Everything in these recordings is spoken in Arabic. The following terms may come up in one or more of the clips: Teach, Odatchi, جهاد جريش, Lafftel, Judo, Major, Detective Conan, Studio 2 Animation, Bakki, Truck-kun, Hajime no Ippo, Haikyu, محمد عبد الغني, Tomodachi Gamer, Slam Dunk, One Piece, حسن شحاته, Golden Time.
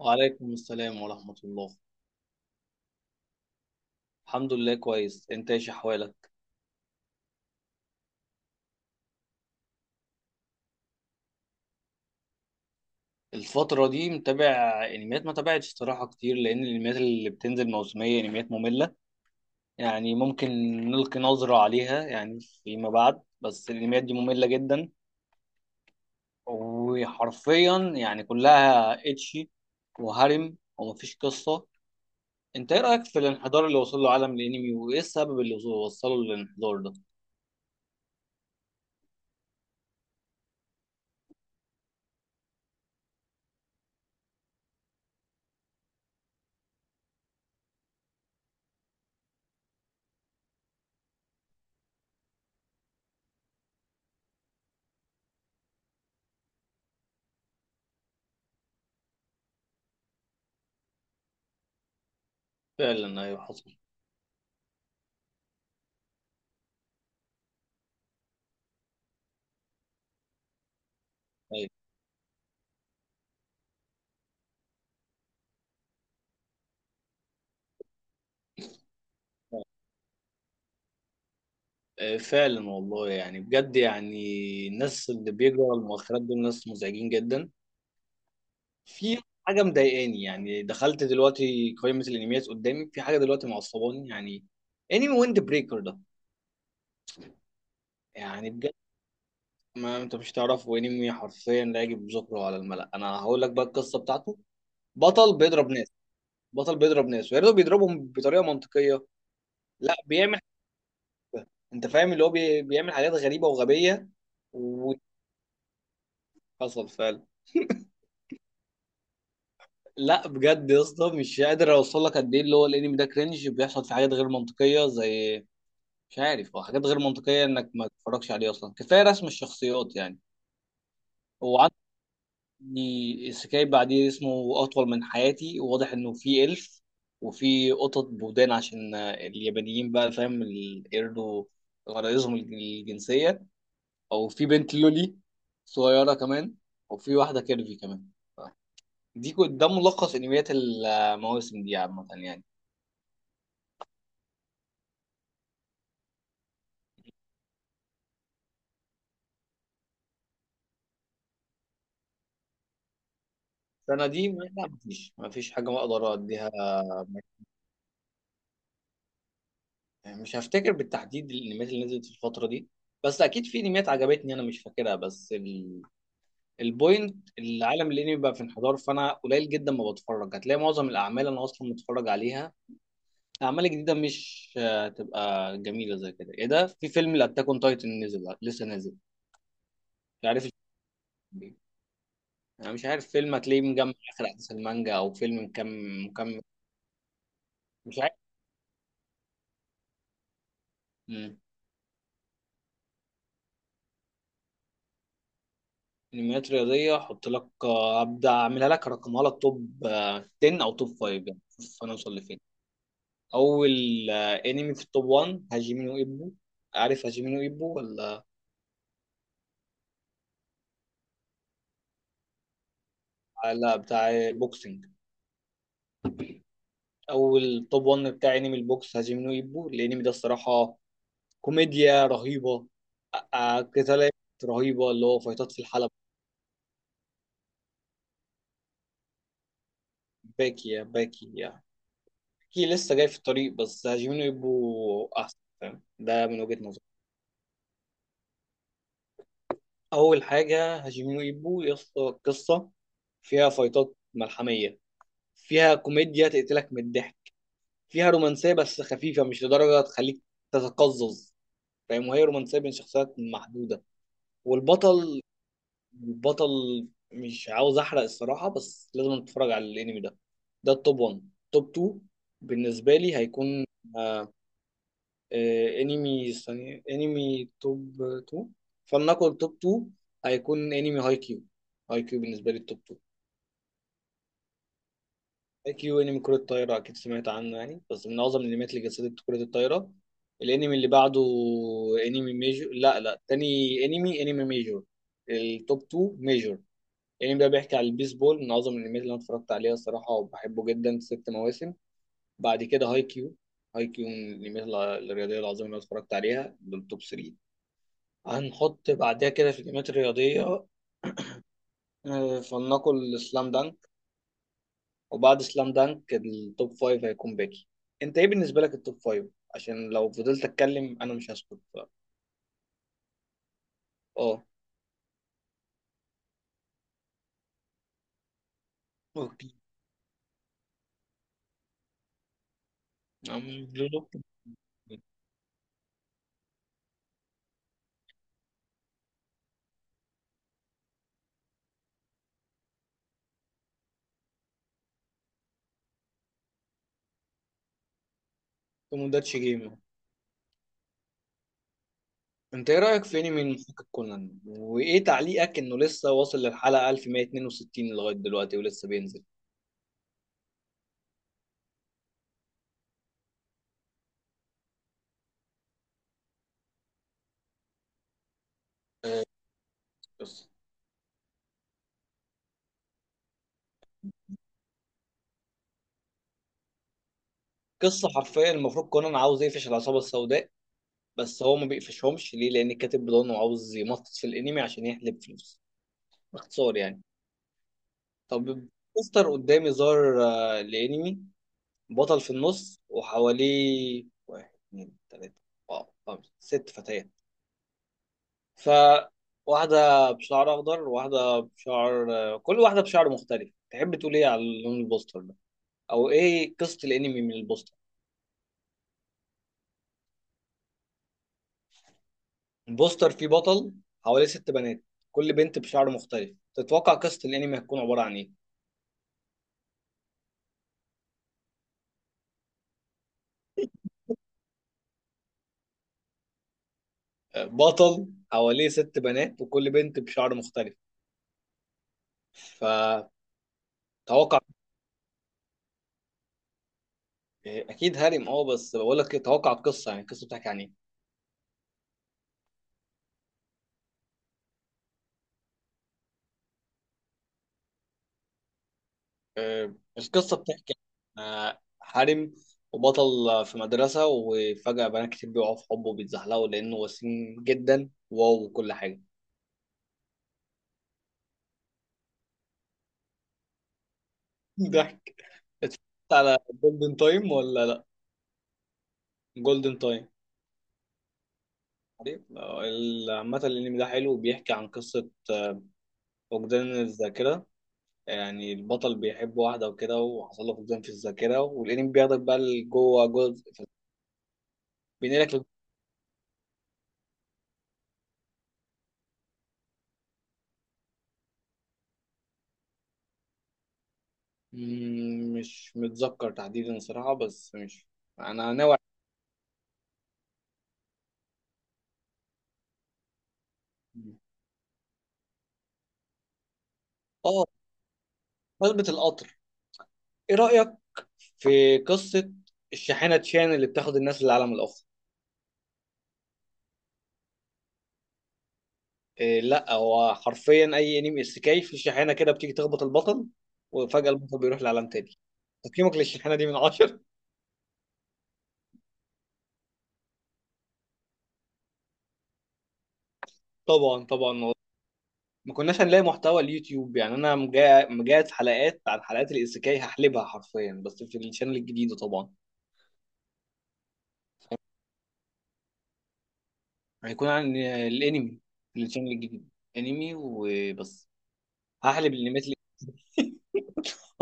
وعليكم السلام ورحمة الله. الحمد لله كويس، انت ايش احوالك؟ الفترة دي متابع انميات ما تابعتش الصراحة كتير لان الانميات اللي بتنزل موسمية انميات مملة. يعني ممكن نلقي نظرة عليها يعني فيما بعد، بس الانميات دي مملة جدا وحرفيا يعني كلها اتشي وهرم ومفيش قصة. انت ايه رأيك في الانحدار اللي وصل له عالم الانمي وايه السبب اللي وصله للانحدار ده؟ فعلا ايوه حصل. أيوة. فعلا والله يعني بجد يعني الناس اللي بيجروا على المؤخرات دول ناس مزعجين جدا. في حاجة مضايقاني، يعني دخلت دلوقتي قائمة الانميات قدامي، في حاجة دلوقتي معصباني يعني انمي ويند بريكر ده. يعني بجد، ما انت مش تعرفه، انمي حرفيا لا يجب ذكره على الملأ. انا هقول لك بقى القصة بتاعته. بطل بيضرب ناس، بطل بيضرب ناس ويا ريته بيضربهم بطريقة منطقية. لا، بيعمل، انت فاهم اللي هو بيعمل حاجات غريبة وغبية وحصل فعلا. لا بجد يا اسطى، مش قادر اوصل لك قد ايه اللي هو الانمي ده كرنج، بيحصل في حاجات غير منطقيه زي، مش عارف، هو حاجات غير منطقيه انك ما تتفرجش عليه اصلا. كفايه رسم الشخصيات يعني. هو عندي سكاي بعديه اسمه اطول من حياتي، واضح انه في الف وفي قطط بودان عشان اليابانيين بقى، فاهم، يرضوا غرايزهم الجنسيه، او في بنت لولي صغيره كمان، وفي واحده كيرفي كمان. دي ده ملخص انميات المواسم دي عامه يعني. السنة دي لا، مفيش، حاجة أقدر أديها. مش هفتكر بالتحديد الأنميات اللي نزلت في الفترة دي، بس أكيد في أنميات عجبتني أنا مش فاكرها، بس البوينت العالم الأنمي بقى في انحدار، فأنا قليل جدا ما بتفرج. هتلاقي معظم الأعمال أنا أصلا متفرج عليها، أعمال جديدة مش تبقى جميلة زي كده. إيه ده في فيلم الأتاك أون تايتن نزل، لسه نازل، مش عارف الفيلم إيه. أنا مش عارف، فيلم هتلاقيه مجمع آخر أحداث المانجا أو فيلم مكمل مش عارف. انميات رياضيه احط لك، ابدا اعملها لك، ارقمها لك توب، 10 او توب 5. يعني شوف انا اوصل لفين. اول انمي في التوب 1 هاجيمي نو ايبو. عارف هاجيمي نو ايبو ولا لا؟ بتاع البوكسنج. اول توب 1 بتاع انمي البوكس هاجيمي نو ايبو. الانمي ده الصراحه كوميديا رهيبه، قتالات رهيبه، اللي هو فايتات في الحلبة. باكي، يا باكي يعني، باكي لسه جاي في الطريق، بس هاجيمي نو ايبو احسن، فاهم ده، من وجهة نظري. اول حاجه هاشيمينو ايبو يا اسطى، قصه فيها فايتات ملحميه، فيها كوميديا تقتلك من الضحك، فيها رومانسيه بس خفيفه مش لدرجه تخليك تتقزز، فاهم، وهي رومانسيه بين شخصيات محدوده. والبطل، البطل مش عاوز احرق الصراحه، بس لازم تتفرج على الانمي ده. ده التوب 1. توب 2 بالنسبه لي هيكون آه، انمي ثانية، انمي توب 2، فلنقل توب 2 هيكون انمي هاي كيو. هاي كيو بالنسبة لي التوب 2. هاي كيو انمي كرة الطايرة، اكيد سمعت عنه يعني، بس من اعظم الانميات اللي جسدت كرة الطايرة. الانمي اللي بعده انمي ميجور. لا تاني، انمي، ميجور. التوب 2 ميجور. الانمي ده بيحكي على البيسبول، من اعظم الانميات اللي انا اتفرجت عليها الصراحة، وبحبه جدا، ست مواسم. بعد كده هاي كيو. هاي كيو من الانميات الرياضية العظيمة اللي انا اتفرجت عليها، بالتوب 3. هنحط بعدها كده في الجيمات الرياضية، فلنقل السلام دانك. وبعد سلام دانك التوب فايف هيكون باقي. انت ايه بالنسبة لك التوب فايف؟ عشان لو فضلت اتكلم انا مش هسكت. اه اوكي. جودو. توموداتشي جيمر. انت ايه رأيك في انمي محقق كونان، وايه تعليقك انه لسه واصل للحلقة 1162 لغاية دلوقتي ولسه بينزل؟ آه، قصة قصة حرفيا المفروض كونان عاوز يقفش العصابة السوداء، بس هو ما بيقفشهمش. ليه؟ لان الكاتب بيضانه عاوز يمطط في الانمي عشان يحلب فلوس، باختصار يعني. طب، بوستر قدامي ظهر، الانمي بطل في النص وحواليه واحد اتنين تلاتة، اه خمسة ست فتيات، ف واحدة بشعر أخضر وواحدة بشعر، كل واحدة بشعر مختلف. تحب تقول إيه على لون البوستر ده، أو إيه قصة الأنمي من البوستر؟ البوستر فيه بطل حواليه ست بنات، كل بنت بشعر مختلف، تتوقع قصة الأنمي هتكون عبارة عن إيه؟ بطل حواليه ست بنات وكل بنت بشعر مختلف، فتوقع. اكيد هارم، اه، بس بقول لك توقع القصه يعني، القصه بتحكي عن ايه؟ القصه بتحكي عن، هارم وبطل في مدرسه، وفجاه بنات كتير بيقعوا في حبه وبيتزحلقوا لانه وسيم جدا، واو، وكل حاجه. ضحك. اتفرجت على جولدن تايم ولا لا؟ جولدن تايم، عارف؟ عامه الانمي ده حلو وبيحكي عن قصه، فقدان الذاكره. يعني البطل بيحب واحدة وكده، وحصل له فقدان في الذاكرة، والأنمي بياخدك بقى لجوه جزء، بينقلك لج- مم، مش متذكر تحديدا صراحة، بس مش، أنا ناوي عليه. آه، قلبة القطر. إيه رأيك في قصة الشاحنة تشان اللي بتاخد الناس للعالم الآخر؟ إيه، لا هو حرفيا أي أنمي إسكاي في شاحنة كده بتيجي تخبط البطل وفجأة البطل بيروح لعالم تاني. تقييمك للشاحنة دي من عشرة؟ طبعا، طبعا، ما كناش هنلاقي محتوى اليوتيوب يعني. انا مجهز حلقات عن حلقات الايسيكاي، هحلبها حرفيا بس في الشانل الجديده طبعا. هيكون عن الانمي في الشانل الجديد، انمي وبس. هحلب الانميات اللي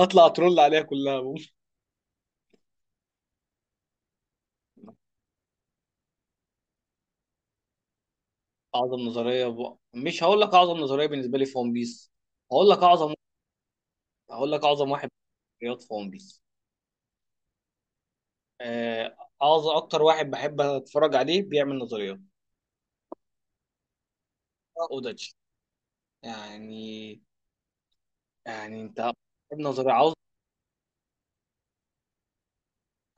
هطلع اترول عليها كلها. اعظم نظريه مش هقول لك اعظم نظريه بالنسبه لي في ون بيس، هقول لك اعظم، هقول لك اعظم واحد رياض في ون بيس، آه، اعظم اكتر واحد بحب اتفرج عليه بيعمل نظريات، اوداتشي. يعني، يعني انت نظريه عاوز،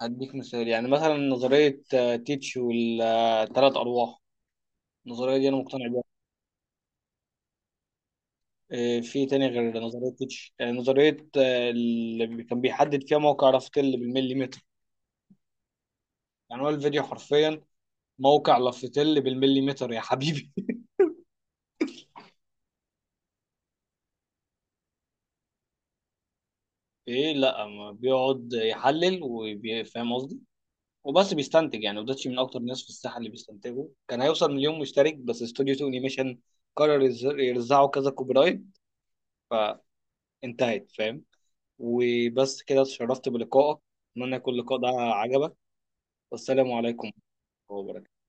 هديك مثال يعني، مثلا نظرية، تيتش والثلاث أرواح. النظرية دي أنا مقتنع بيها. في تاني غير نظرية تيتش، نظرية، اللي كان بيحدد فيها موقع لافتل بالمليمتر. يعني هو الفيديو حرفيا موقع لافتل بالمليمتر يا حبيبي. إيه، لأ، ما بيقعد يحلل وفاهم قصدي، وبس بيستنتج يعني. وداتشي من أكتر الناس في الساحة اللي بيستنتجوا. كان هيوصل مليون مشترك، بس استوديو 2 أنيميشن قرر يرزعه كذا كوبي رايت فانتهت، فاهم. وبس كده، اتشرفت بلقائك، اتمنى يكون اللقاء ده عجبك، والسلام عليكم ورحمة الله وبركاته.